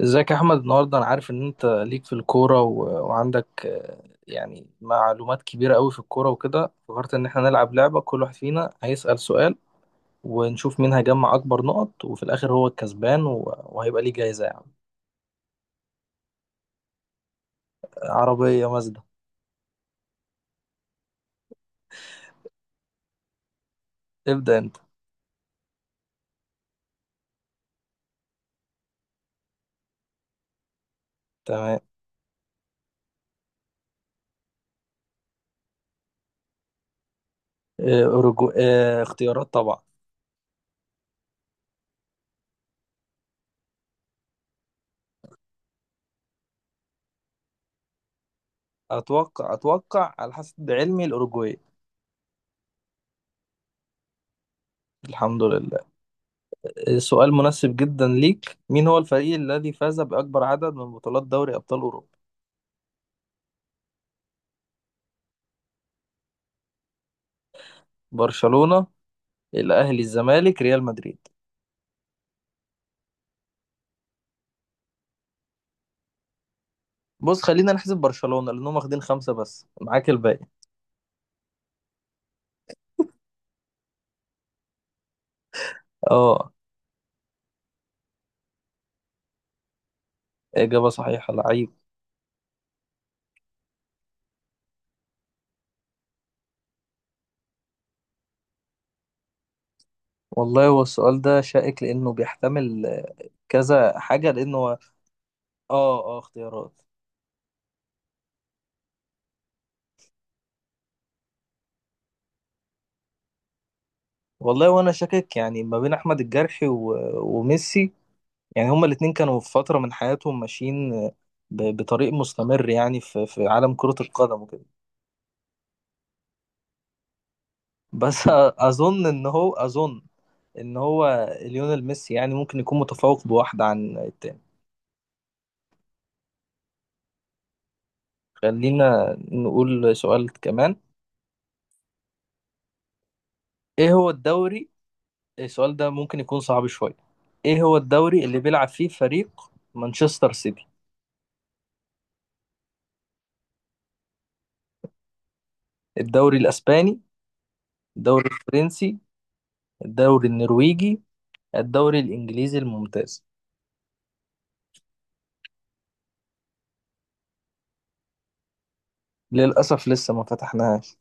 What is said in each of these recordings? ازيك يا احمد، النهارده انا عارف ان انت ليك في الكوره و... وعندك، يعني معلومات كبيره قوي في الكوره وكده. فكرت ان احنا نلعب لعبه، كل واحد فينا هيسأل سؤال، ونشوف مين هيجمع اكبر نقط، وفي الاخر هو الكسبان و... وهيبقى ليه جايزه يعني. عربيه مازدا. ابدأ انت. تمام. آه، أورجو... آه، اختيارات طبعا. اتوقع، على حسب علمي، الاوروجواي. الحمد لله. سؤال مناسب جدا ليك. مين هو الفريق الذي فاز باكبر عدد من بطولات دوري ابطال اوروبا؟ برشلونة، الاهلي، الزمالك، ريال مدريد. بص، خلينا نحسب برشلونة لانهم واخدين خمسة، بس معاك الباقي. اه. اجابة صحيحة، لعيب. والله هو السؤال ده شائك لانه بيحتمل، كذا حاجة لانه اه، اه، اختيارات. والله، وانا شاكك يعني، ما بين احمد الجرحي و... وميسي. يعني هما الاتنين كانوا في فترة من حياتهم ماشيين، بطريق مستمر يعني، في عالم كرة القدم وكده. بس، اظن ان هو ليونيل ميسي يعني ممكن يكون متفوق بواحدة عن التاني. خلينا نقول سؤال كمان. ايه هو الدوري؟ السؤال ده ممكن يكون صعب شوية. ايه هو الدوري اللي بيلعب فيه فريق مانشستر سيتي؟ الدوري الاسباني، الدوري الفرنسي، الدوري النرويجي، الدوري الانجليزي الممتاز. للاسف لسه ما فتحناهاش.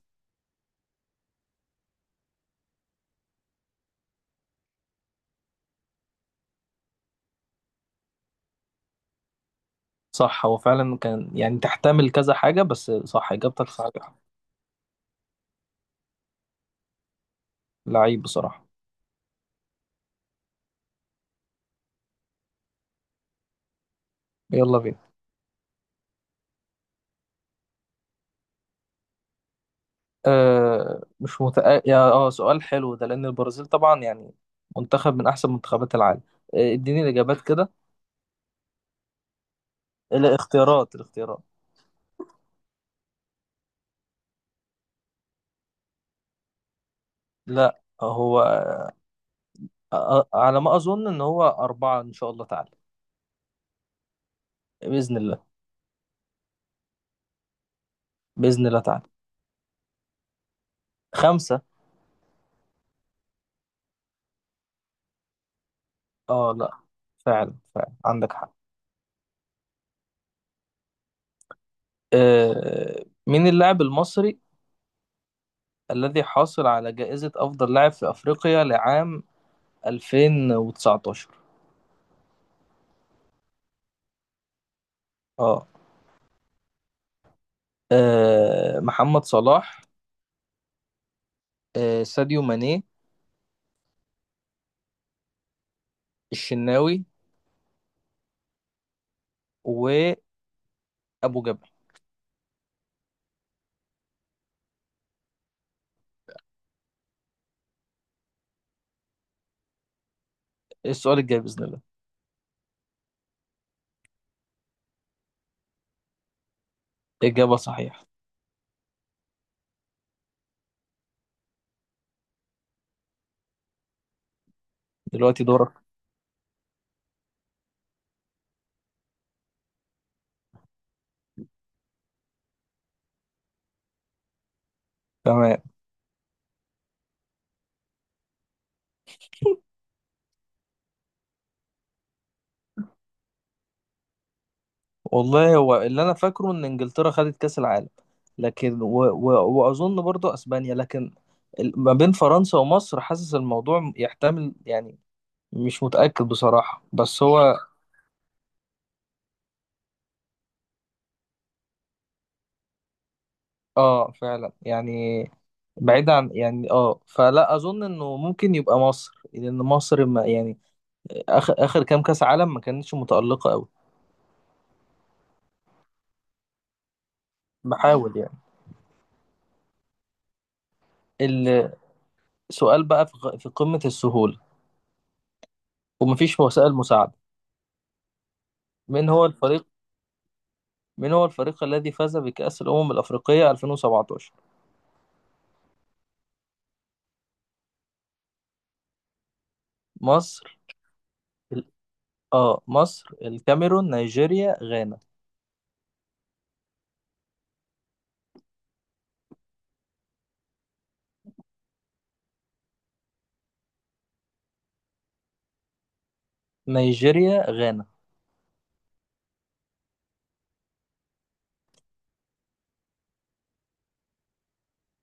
صح، هو فعلا كان يعني تحتمل كذا حاجة، بس صح، اجابتك صح. لعيب بصراحة. يلا بينا. آه مش متأ... يا اه سؤال حلو ده، لأن البرازيل طبعا يعني منتخب من أحسن منتخبات العالم. اديني الإجابات كده. الاختيارات الاختيارات. لا، هو على ما أظن إن هو أربعة، إن شاء الله تعالى. بإذن الله. بإذن الله تعالى. خمسة. اه، لا، فعلا فعلا عندك حق. مين اللاعب المصري الذي حاصل على جائزة أفضل لاعب في أفريقيا لعام 2019؟ اه. محمد صلاح، ساديو ماني، الشناوي، وابو جبل. السؤال الجاي باذن الله. اجابه صحيحه. دلوقتي دورك. تمام. والله هو اللي انا فاكره ان انجلترا خدت كاس العالم، لكن و... و... واظن برضو اسبانيا، لكن ما بين فرنسا ومصر حاسس الموضوع يحتمل يعني. مش متاكد بصراحه، بس هو. اه، فعلا يعني. بعيد عن يعني، فلا اظن انه ممكن يبقى مصر، لان مصر ما يعني اخر اخر كام كاس عالم ما كانتش متالقه قوي. بحاول يعني. السؤال بقى في قمة السهولة، ومفيش وسائل مساعدة. من هو الفريق من هو الفريق الذي فاز بكأس الأمم الأفريقية 2017؟ مصر، ال- اه مصر، الكاميرون، نيجيريا غانا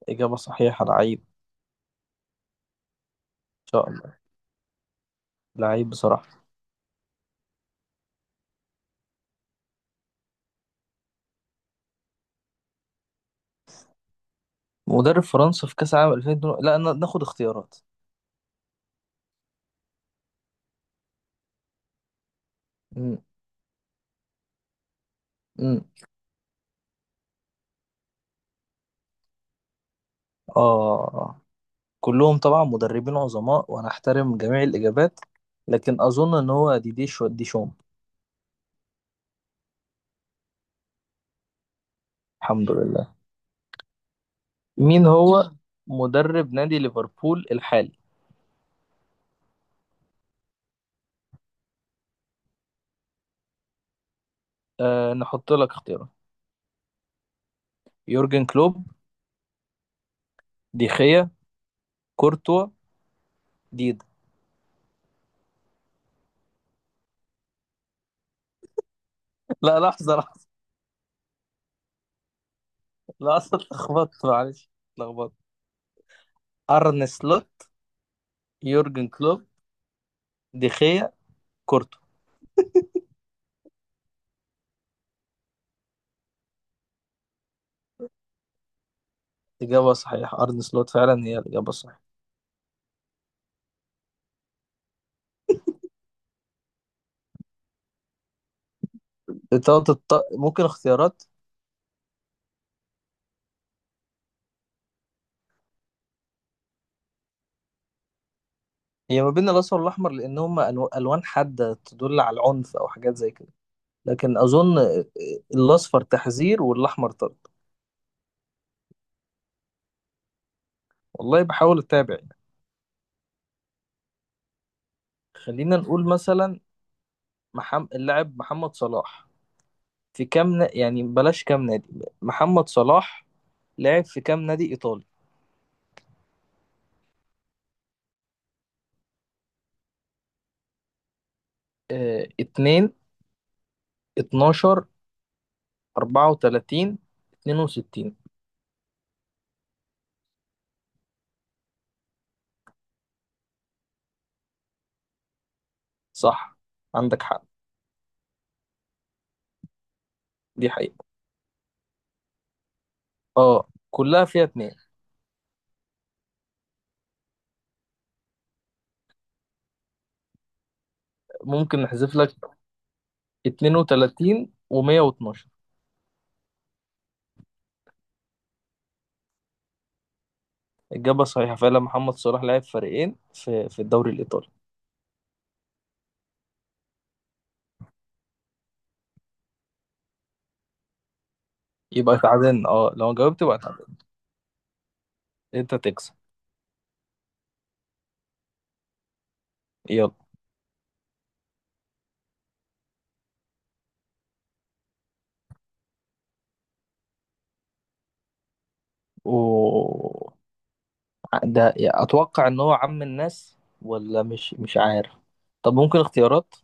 إجابة صحيحة، لعيب. إن شاء الله. لعيب بصراحة. مدرب فرنسا في كأس العالم 2002. لا، ناخد اختيارات. مم. مم. اه، كلهم طبعا مدربين عظماء، وأنا أحترم جميع الإجابات، لكن أظن إن هو ديشام. الحمد لله. مين هو مدرب نادي ليفربول الحالي؟ نحط لك اختيارات. يورجن كلوب، دي خيا، كورتوا، ديدا. لا، لحظة، لحظة، لحظة، اتلخبطت، معلش اتلخبطت. أرن سلوت. يورجن كلوب، دي خيا، كورتوا. إجابة صحيحة، أرن سلوت فعلا هي الإجابة الصحيحة. ممكن اختيارات. هي ما بين الأصفر والأحمر، لأن هما ألوان حادة تدل على العنف أو حاجات زي كده. لكن أظن الأصفر تحذير والأحمر طرد. والله بحاول اتابع يعني. خلينا نقول مثلا اللاعب محمد صلاح، في كام يعني بلاش، كام نادي محمد صلاح لعب في كام نادي ايطالي؟ 2، 12، 34، 62. صح، عندك حق. دي حقيقة. اه، كلها فيها اتنين. ممكن نحذف لك 32 و112. الإجابة صحيحة، فعلا محمد صلاح لعب فريقين في الدوري الإيطالي. يبقى تعادلنا، اه، لو جاوبت يبقى تعادلنا. انت تكسب. يلا. و ده اتوقع ان هو عم الناس، ولا مش عارف. طب ممكن اختيارات.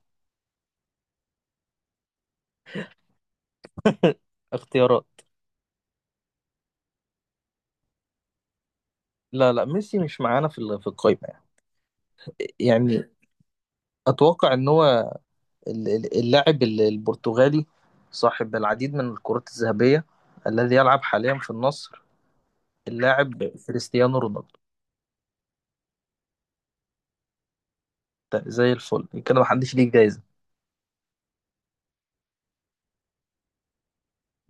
اختيارات. لا، لا، ميسي مش معانا في القائمة يعني. يعني اتوقع ان هو اللاعب البرتغالي، صاحب العديد من الكرات الذهبية، الذي يلعب حاليا في النصر. اللاعب كريستيانو رونالدو. ده زي الفل كده، محدش ليه جايزة.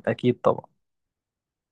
اكيد طبعا.